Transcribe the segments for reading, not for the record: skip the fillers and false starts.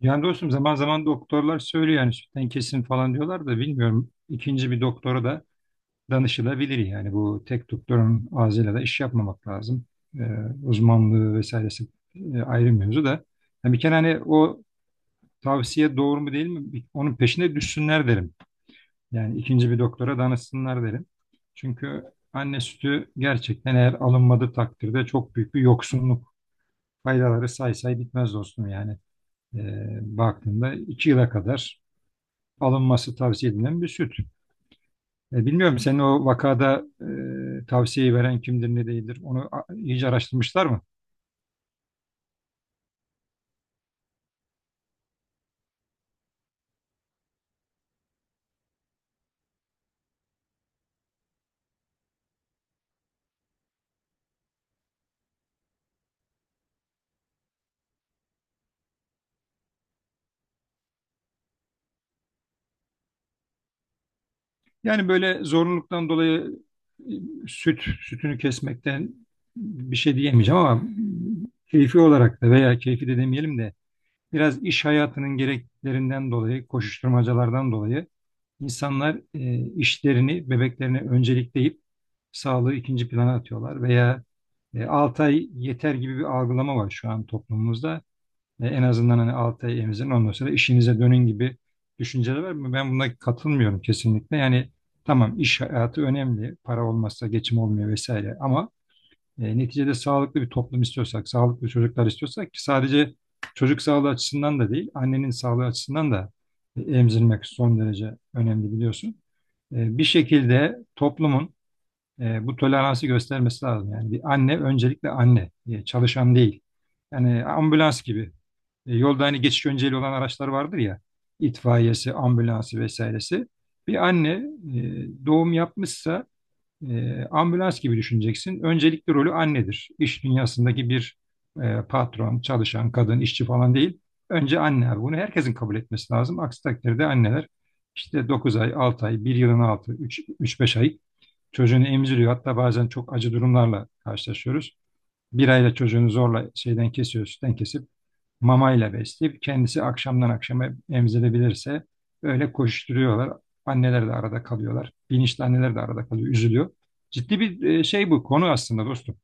Yani dostum zaman zaman doktorlar söylüyor yani sütten kesin falan diyorlar da bilmiyorum. İkinci bir doktora da danışılabilir yani bu tek doktorun ağzıyla da iş yapmamak lazım. Ee, uzmanlığı vesairesi ayrı mevzu da. Yani bir kere hani o tavsiye doğru mu değil mi onun peşine düşsünler derim. Yani ikinci bir doktora danışsınlar derim. Çünkü anne sütü gerçekten eğer alınmadığı takdirde çok büyük bir yoksunluk, faydaları say say bitmez dostum yani. Baktığında 2 yıla kadar alınması tavsiye edilen bir süt. Bilmiyorum senin o vakada, tavsiyeyi veren kimdir ne değildir onu iyice araştırmışlar mı? Yani böyle zorunluluktan dolayı, e, sütünü kesmekten bir şey diyemeyeceğim ama keyfi olarak da, veya keyfi de demeyelim de biraz iş hayatının gereklerinden dolayı, koşuşturmacalardan dolayı, insanlar işlerini, bebeklerini öncelikleyip sağlığı ikinci plana atıyorlar, veya 6 ay yeter gibi bir algılama var şu an toplumumuzda. En azından hani 6 ay emzirin, ondan sonra işinize dönün gibi düşünceler var. Ben buna katılmıyorum kesinlikle. Yani tamam, iş hayatı önemli, para olmazsa geçim olmuyor vesaire, ama neticede sağlıklı bir toplum istiyorsak, sağlıklı çocuklar istiyorsak, ki sadece çocuk sağlığı açısından da değil, annenin sağlığı açısından da emzirmek son derece önemli biliyorsun. Bir şekilde toplumun, bu toleransı göstermesi lazım. Yani bir anne öncelikle anne, çalışan değil. Yani ambulans gibi. Yolda hani geçiş önceliği olan araçlar vardır ya, itfaiyesi, ambulansı vesairesi. Bir anne doğum yapmışsa ambulans gibi düşüneceksin. Öncelikli rolü annedir. İş dünyasındaki bir patron, çalışan, kadın, işçi falan değil. Önce anne abi. Bunu herkesin kabul etmesi lazım. Aksi takdirde anneler işte 9 ay, 6 ay, bir yılın altı, üç beş ay çocuğunu emziriyor. Hatta bazen çok acı durumlarla karşılaşıyoruz. Bir ayla çocuğunu zorla şeyden kesiyor, sütten kesip mamayla besleyip kendisi akşamdan akşama emzirebilirse öyle koşturuyorlar. Anneler de arada kalıyorlar. Bilinçli anneler de arada kalıyor, üzülüyor. Ciddi bir şey bu konu aslında dostum.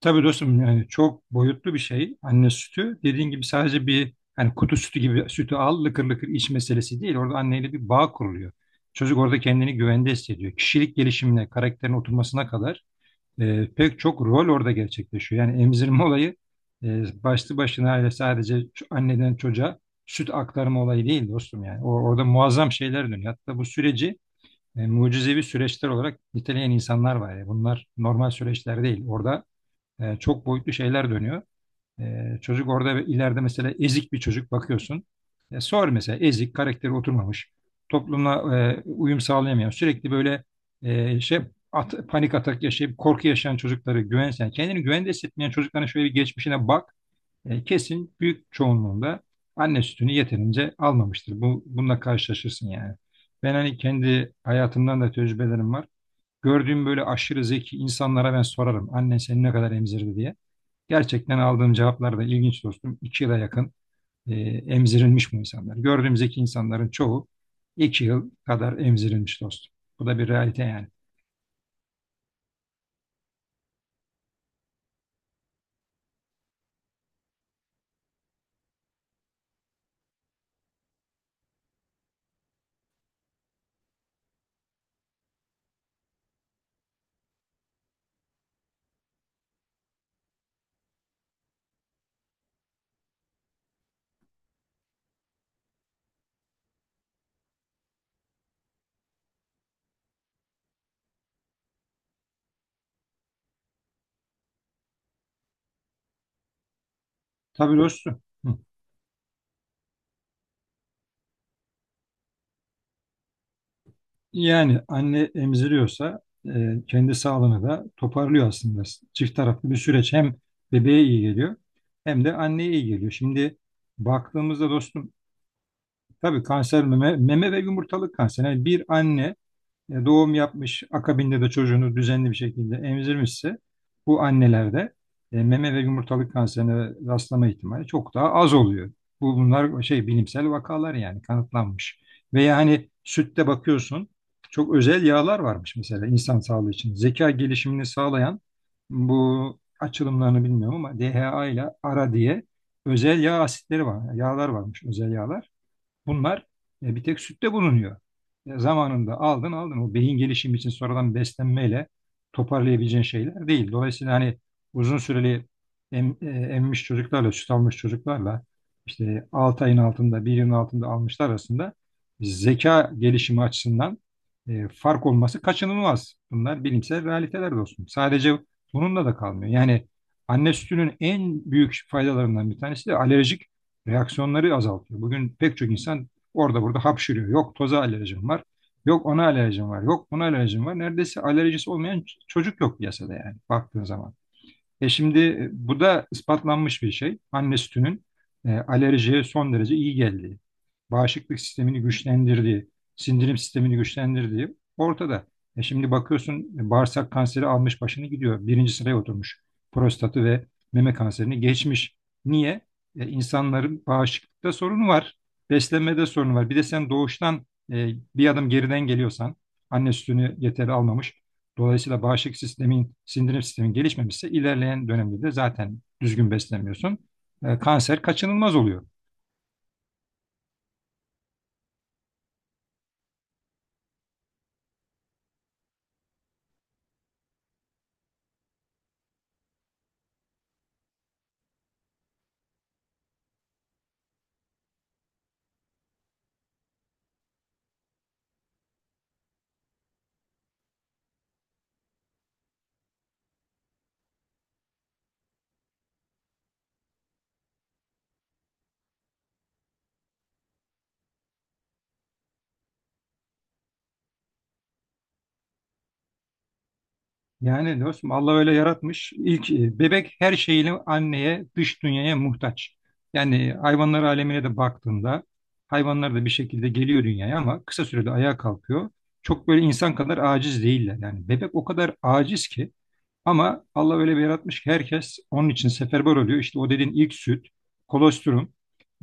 Tabii dostum, yani çok boyutlu bir şey anne sütü. Dediğin gibi sadece bir hani kutu sütü gibi sütü al lıkır lıkır iç meselesi değil. Orada anneyle bir bağ kuruluyor. Çocuk orada kendini güvende hissediyor. Kişilik gelişimine, karakterin oturmasına kadar, pek çok rol orada gerçekleşiyor. Yani emzirme olayı başlı başına öyle sadece anneden çocuğa süt aktarma olayı değil dostum yani. Orada muazzam şeyler dönüyor. Hatta bu süreci mucizevi süreçler olarak niteleyen insanlar var ya. Bunlar normal süreçler değil. Orada çok boyutlu şeyler dönüyor. Çocuk orada, ve ileride mesela ezik bir çocuk bakıyorsun. Sor mesela, ezik, karakteri oturmamış, toplumla uyum sağlayamayan, sürekli böyle şey panik atak yaşayıp korku yaşayan çocukları, güvensen, kendini güvende hissetmeyen çocukların şöyle bir geçmişine bak. Kesin büyük çoğunluğunda anne sütünü yeterince almamıştır. Bununla karşılaşırsın yani. Ben hani kendi hayatımdan da tecrübelerim var. Gördüğüm böyle aşırı zeki insanlara ben sorarım. Annen seni ne kadar emzirdi diye. Gerçekten aldığım cevaplar da ilginç dostum. 2 yıla yakın e, emzirilmiş bu insanlar. Gördüğümüzdeki insanların çoğu 2 yıl kadar emzirilmiş dostum. Bu da bir realite yani. Tabii dostum. Hı. Yani anne emziriyorsa kendi sağlığını da toparlıyor aslında. Çift taraflı bir süreç, hem bebeğe iyi geliyor hem de anneye iyi geliyor. Şimdi baktığımızda dostum, tabii kanser, meme ve yumurtalık kanseri. Yani bir anne doğum yapmış, akabinde de çocuğunu düzenli bir şekilde emzirmişse, bu annelerde meme ve yumurtalık kanserine rastlama ihtimali çok daha az oluyor. Bunlar bilimsel vakalar yani, kanıtlanmış. Veya hani sütte bakıyorsun, çok özel yağlar varmış mesela insan sağlığı için. Zeka gelişimini sağlayan, bu açılımlarını bilmiyorum ama DHA ile ARA diye özel yağ asitleri var. Yağlar varmış, özel yağlar. Bunlar bir tek sütte bulunuyor. Zamanında aldın aldın. O beyin gelişimi için sonradan beslenmeyle toparlayabileceğin şeyler değil. Dolayısıyla hani uzun süreli emmiş çocuklarla, süt almış çocuklarla, işte 6 ayın altında, bir yılın altında almışlar arasında zeka gelişimi açısından fark olması kaçınılmaz. Bunlar bilimsel realiteler dostum. Sadece bununla da kalmıyor. Yani anne sütünün en büyük faydalarından bir tanesi de alerjik reaksiyonları azaltıyor. Bugün pek çok insan orada burada hapşırıyor. Yok toza alerjim var. Yok ona alerjim var. Yok buna alerjim var. Neredeyse alerjisi olmayan çocuk yok piyasada yani baktığın zaman. Şimdi bu da ispatlanmış bir şey. Anne sütünün alerjiye son derece iyi geldiği, bağışıklık sistemini güçlendirdiği, sindirim sistemini güçlendirdiği ortada. Şimdi bakıyorsun, bağırsak kanseri almış başını gidiyor. Birinci sıraya oturmuş. Prostatı ve meme kanserini geçmiş. Niye? E, insanların bağışıklıkta sorunu var. Beslenmede sorunu var. Bir de sen doğuştan e, bir adım geriden geliyorsan, anne sütünü yeterli almamış. Dolayısıyla bağışıklık sistemin, sindirim sistemin gelişmemişse ilerleyen dönemde de zaten düzgün beslenmiyorsun. Kanser kaçınılmaz oluyor. Yani dostum Allah öyle yaratmış. İlk bebek her şeyini anneye, dış dünyaya muhtaç. Yani hayvanlar alemine de baktığında, hayvanlar da bir şekilde geliyor dünyaya ama kısa sürede ayağa kalkıyor. Çok böyle insan kadar aciz değiller. Yani bebek o kadar aciz ki, ama Allah öyle bir yaratmış ki herkes onun için seferber oluyor. İşte o dediğin ilk süt, kolostrum,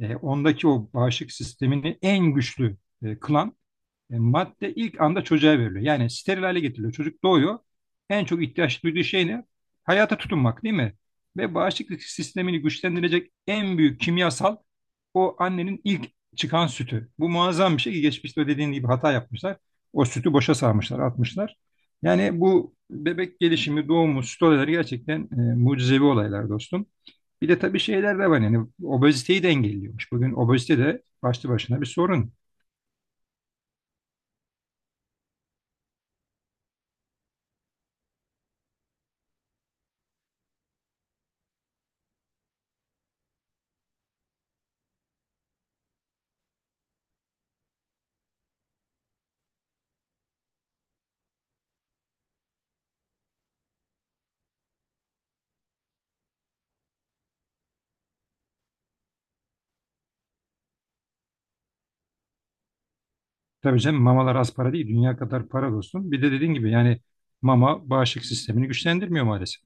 ondaki o bağışıklık sistemini en güçlü kılan madde ilk anda çocuğa veriliyor. Yani steril hale getiriliyor. Çocuk doğuyor. En çok ihtiyaç duyduğu şey ne? Hayata tutunmak değil mi? Ve bağışıklık sistemini güçlendirecek en büyük kimyasal, o annenin ilk çıkan sütü. Bu muazzam bir şey, ki geçmişte dediğin gibi hata yapmışlar. O sütü boşa sarmışlar, atmışlar. Yani bu bebek gelişimi, doğumu, süt olayları gerçekten mucizevi olaylar dostum. Bir de tabii şeyler de var yani, obeziteyi de engelliyormuş. Bugün obezite de başlı başına bir sorun. Tabii canım, mamalar az para değil. Dünya kadar para dostum. Bir de dediğin gibi yani, mama bağışıklık sistemini güçlendirmiyor maalesef.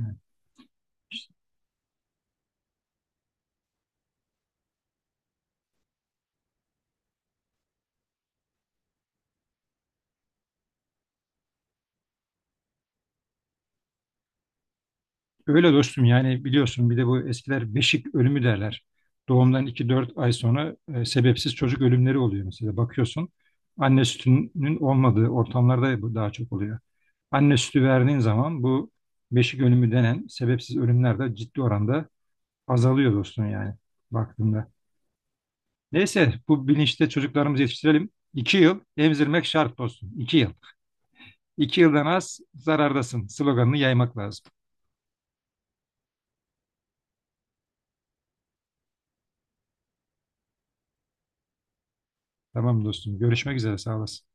Evet. Öyle dostum, yani biliyorsun, bir de bu eskiler beşik ölümü derler. Doğumdan 2-4 ay sonra sebepsiz çocuk ölümleri oluyor mesela. Bakıyorsun anne sütünün olmadığı ortamlarda bu daha çok oluyor. Anne sütü verdiğin zaman, bu beşik ölümü denen sebepsiz ölümler de ciddi oranda azalıyor dostum, yani baktığında. Neyse, bu bilinçte çocuklarımızı yetiştirelim. 2 yıl emzirmek şart dostum. 2 yıl. 2 yıldan az zarardasın sloganını yaymak lazım. Tamam dostum. Görüşmek üzere. Sağ olasın.